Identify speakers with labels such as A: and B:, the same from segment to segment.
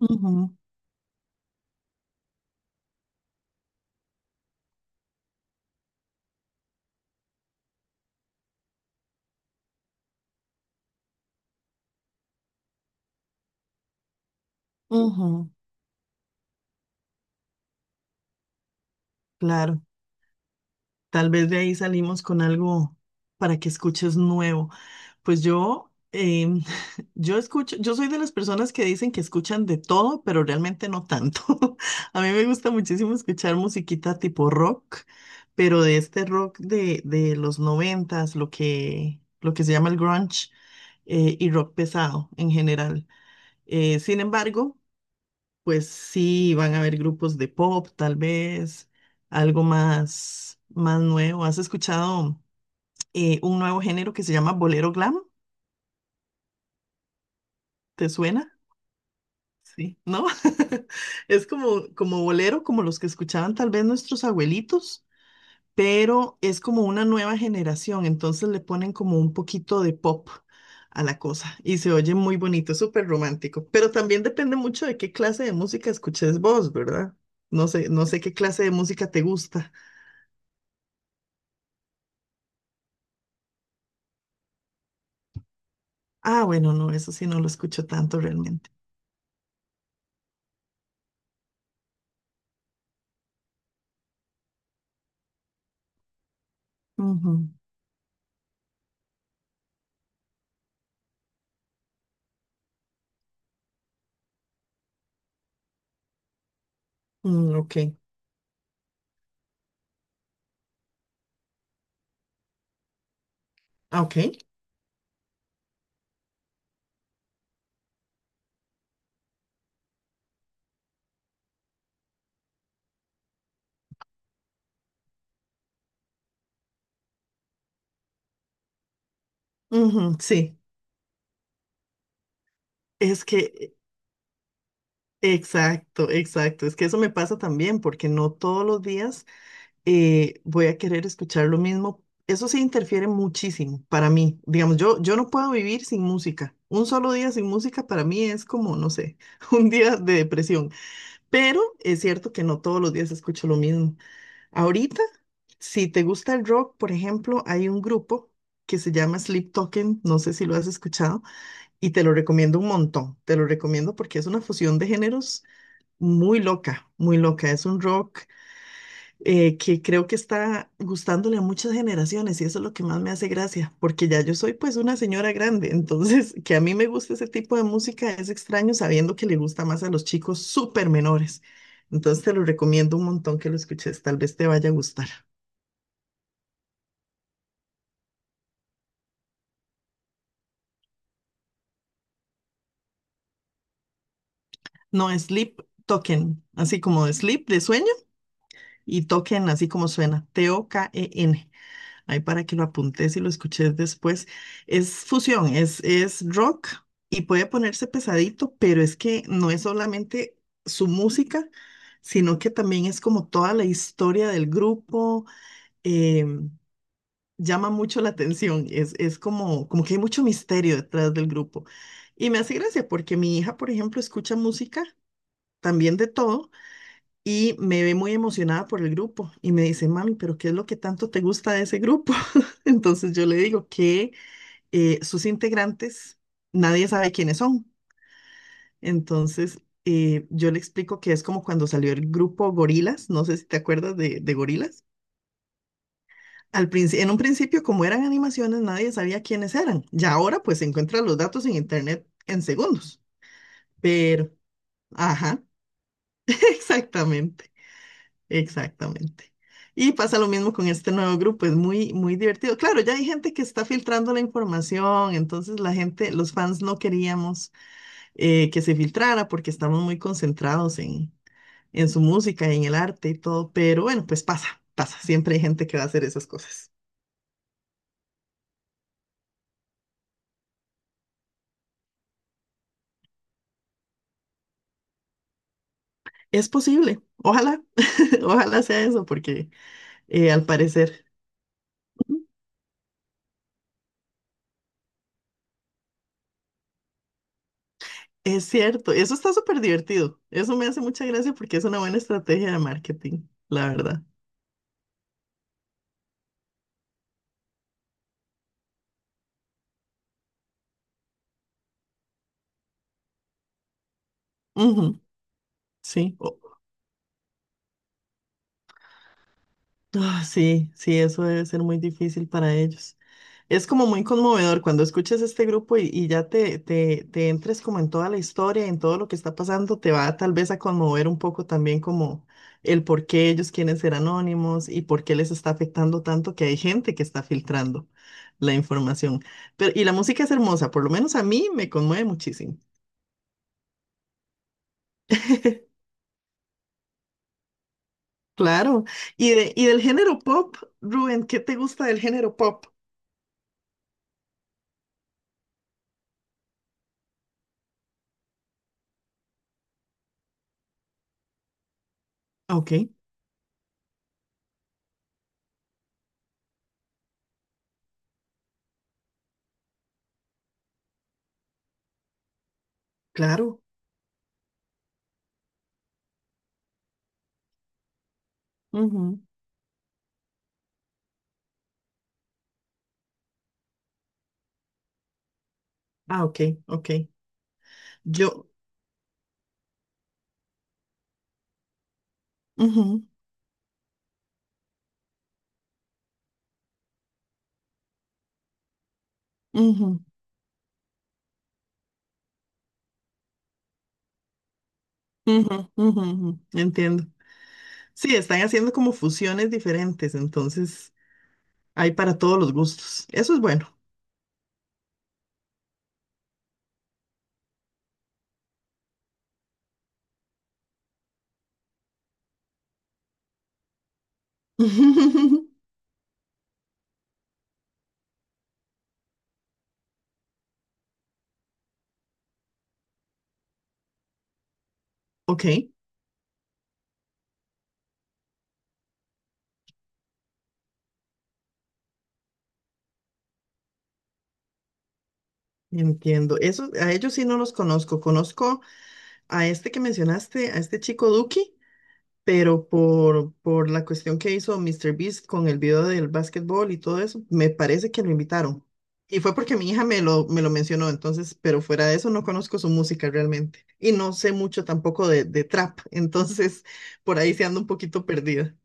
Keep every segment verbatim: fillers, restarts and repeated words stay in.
A: Ujú, ujú, claro, tal vez de ahí salimos con algo para que escuches nuevo. Pues yo, em, yo escucho, yo soy de las personas que dicen que escuchan de todo, pero realmente no tanto. A mí me gusta muchísimo escuchar musiquita tipo rock, pero de este rock de, de los noventas, lo que, lo que se llama el grunge, eh, y rock pesado en general. Eh, sin embargo, pues sí, van a haber grupos de pop, tal vez, algo más, más nuevo. ¿Has escuchado eh, un nuevo género que se llama bolero glam? ¿Te suena? Sí, ¿no? Es como, como bolero, como los que escuchaban tal vez nuestros abuelitos, pero es como una nueva generación, entonces le ponen como un poquito de pop a la cosa y se oye muy bonito, es súper romántico, pero también depende mucho de qué clase de música escuches vos, ¿verdad? No sé, no sé qué clase de música te gusta. Ah, bueno, no, eso sí no lo escucho tanto realmente. Ujú. Mm, ok, ah, ok. Ujú, sí, es que, exacto, exacto. Es que eso me pasa también porque no todos los días eh, voy a querer escuchar lo mismo. Eso sí interfiere muchísimo para mí. Digamos, yo, yo no puedo vivir sin música. Un solo día sin música para mí es como, no sé, un día de depresión. Pero es cierto que no todos los días escucho lo mismo. Ahorita, si te gusta el rock, por ejemplo, hay un grupo que se llama Sleep Token, no sé si lo has escuchado, y te lo recomiendo un montón. Te lo recomiendo porque es una fusión de géneros muy loca, muy loca. Es un rock eh, que creo que está gustándole a muchas generaciones y eso es lo que más me hace gracia, porque ya yo soy pues una señora grande, entonces que a mí me guste ese tipo de música es extraño sabiendo que le gusta más a los chicos súper menores. Entonces te lo recomiendo un montón que lo escuches, tal vez te vaya a gustar. No, Sleep Token, así como de sleep de sueño y token así como suena, T-O-K-E-N. Ahí para que lo apuntes y lo escuches después. Es fusión, es, es rock y puede ponerse pesadito, pero es que no es solamente su música, sino que también es como toda la historia del grupo. eh, Llama mucho la atención, es, es como, como que hay mucho misterio detrás del grupo. Y me hace gracia porque mi hija, por ejemplo, escucha música también de todo y me ve muy emocionada por el grupo y me dice, mami, pero ¿qué es lo que tanto te gusta de ese grupo? Entonces yo le digo que eh, sus integrantes, nadie sabe quiénes son. Entonces eh, yo le explico que es como cuando salió el grupo Gorilas, no sé si te acuerdas de, de Gorilas. Al princi- en un principio, como eran animaciones, nadie sabía quiénes eran. Ya ahora pues se encuentran los datos en internet en segundos. Pero, ajá, exactamente. Exactamente. Y pasa lo mismo con este nuevo grupo, es muy, muy divertido. Claro, ya hay gente que está filtrando la información, entonces la gente, los fans no queríamos eh, que se filtrara porque estamos muy concentrados en, en su música y en el arte y todo, pero bueno, pues pasa, pasa, siempre hay gente que va a hacer esas cosas. Es posible, ojalá, ojalá sea eso, porque eh, al parecer ujú, es cierto, eso está súper divertido, eso me hace mucha gracia porque es una buena estrategia de marketing, la verdad. Ujú. Sí, o- ah, sí, sí, eso debe ser muy difícil para ellos. Es como muy conmovedor cuando escuchas este grupo y, y ya te, te, te entres como en toda la historia, en todo lo que está pasando, te va tal vez a conmover un poco también como el por qué ellos quieren ser anónimos y por qué les está afectando tanto que hay gente que está filtrando la información. Pero, y la música es hermosa, por lo menos a mí me conmueve muchísimo. Claro. Y, de- y del género pop, Rubén, ¿qué te gusta del género pop? Ok, claro. Ujú. Ah, ok, ok. Yo, ujú, ujú, ujú, ujú, ujú. Entiendo. Sí, están haciendo como fusiones diferentes, entonces hay para todos los gustos. Eso es bueno. Ok, entiendo. Eso, a ellos sí no los conozco. Conozco a este que mencionaste, a este chico Duki, pero por, por la cuestión que hizo mister Beast con el video del básquetbol y todo eso, me parece que lo invitaron. Y fue porque mi hija me lo, me lo mencionó, entonces, pero fuera de eso no conozco su música realmente. Y no sé mucho tampoco de, de trap, entonces por ahí se anda un poquito perdida.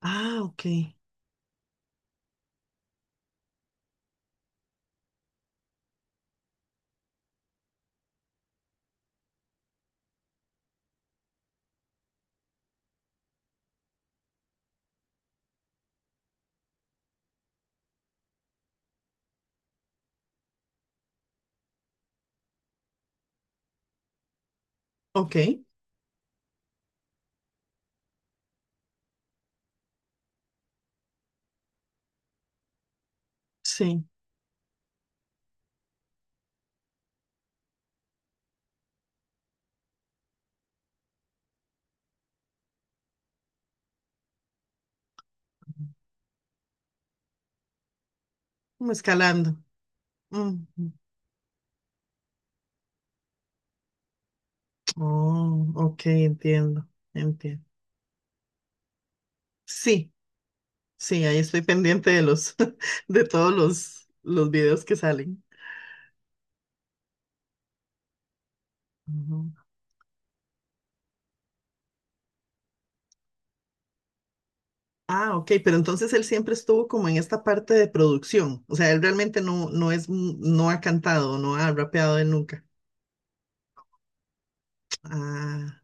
A: Ah, ok, ok, sí, como escalando. Mm, oh, ok, entiendo, entiendo. Sí, sí, ahí estoy pendiente de los, de todos los, los videos que salen. Ah, ok, pero entonces él siempre estuvo como en esta parte de producción. O sea, él realmente no, no es, mu- no ha cantado, no ha rapeado él nunca. Ah,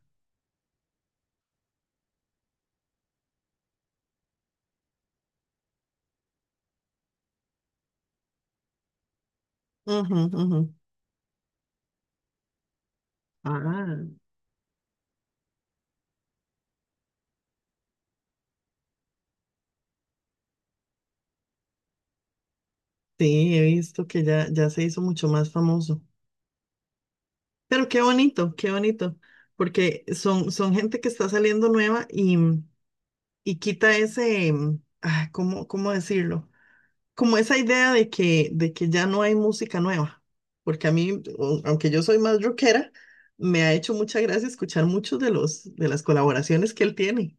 A: ujú, ujú. Ah, sí, he visto que ya, ya se hizo mucho más famoso. Pero qué bonito, qué bonito, porque son, son gente que está saliendo nueva y, y quita ese, ah, ¿cómo, cómo decirlo? Como esa idea de que, de que ya no hay música nueva, porque a mí, o- aunque yo soy más rockera, me ha hecho mucha gracia escuchar muchos de los, de las colaboraciones que él tiene.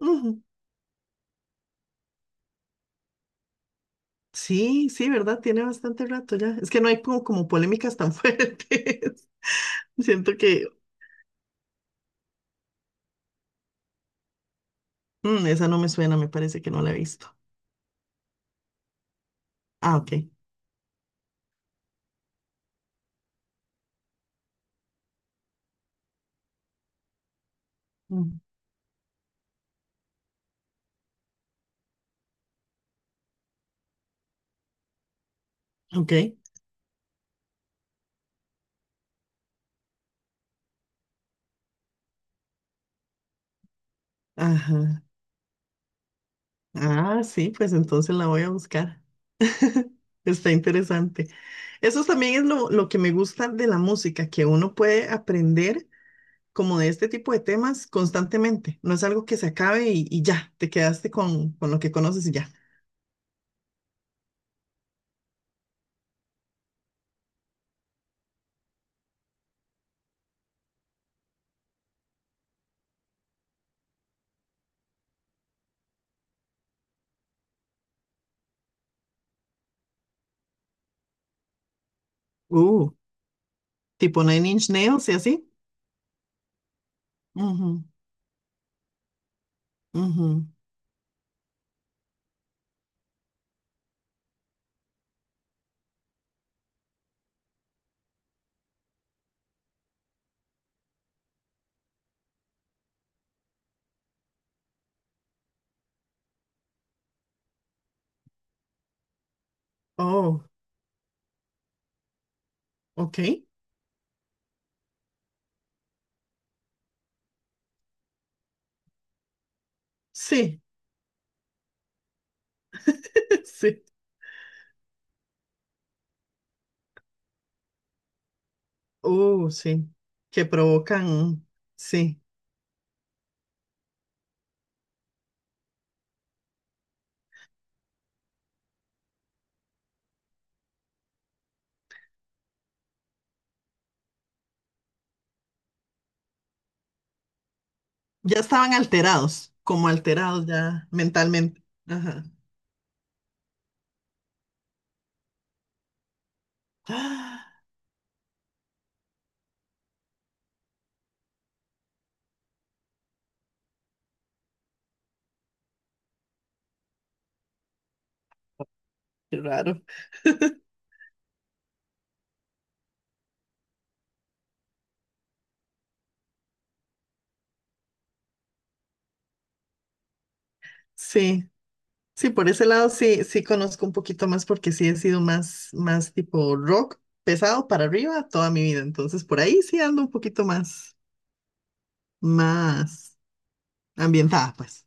A: Ujú. Sí, sí, ¿verdad? Tiene bastante rato ya. Es que no hay como, como polémicas tan fuertes. Siento que mm, esa no me suena, me parece que no la he visto. Ah, ok. Mm. Ok. Ajá. Ah, sí, pues entonces la voy a buscar. Está interesante. Eso también es lo, lo que me gusta de la música, que uno puede aprender como de este tipo de temas constantemente. No es algo que se acabe y, y ya, te quedaste con, con lo que conoces y ya. Uh, tipo Nine Inch Nails y así. Ujú, ujú. Oh, ok. Sí, sí. Uh, sí, que provocan, sí, ya estaban alterados, como alterados ya mentalmente. Ajá. Ah, qué raro. Sí, sí, por ese lado sí, sí conozco un poquito más porque sí he sido más, más tipo rock pesado para arriba toda mi vida. Entonces por ahí sí ando un poquito más, más ambientada, pues.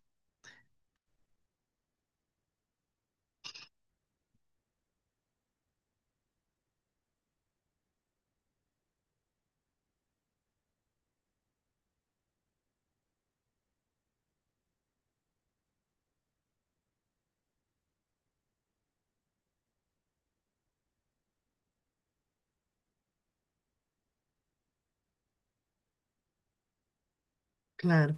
A: Claro,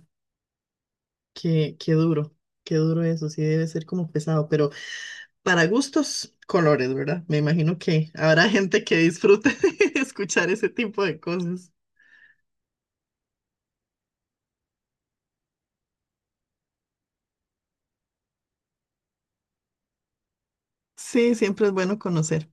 A: qué, qué duro, qué duro eso, sí debe ser como pesado, pero para gustos, colores, ¿verdad? Me imagino que habrá gente que disfrute de escuchar ese tipo de cosas. Sí, siempre es bueno conocer,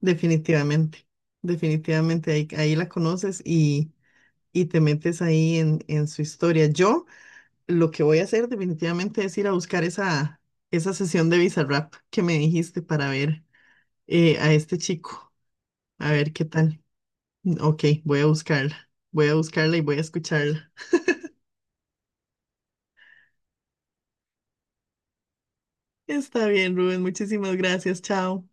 A: definitivamente. Definitivamente ahí, ahí la conoces y, y te metes ahí en, en su historia. Yo lo que voy a hacer definitivamente es ir a buscar esa, esa sesión de Bizarrap que me dijiste para ver eh, a este chico, a ver qué tal. Ok, voy a buscarla, voy a buscarla y voy a escucharla. Está bien, Rubén, muchísimas gracias, chao.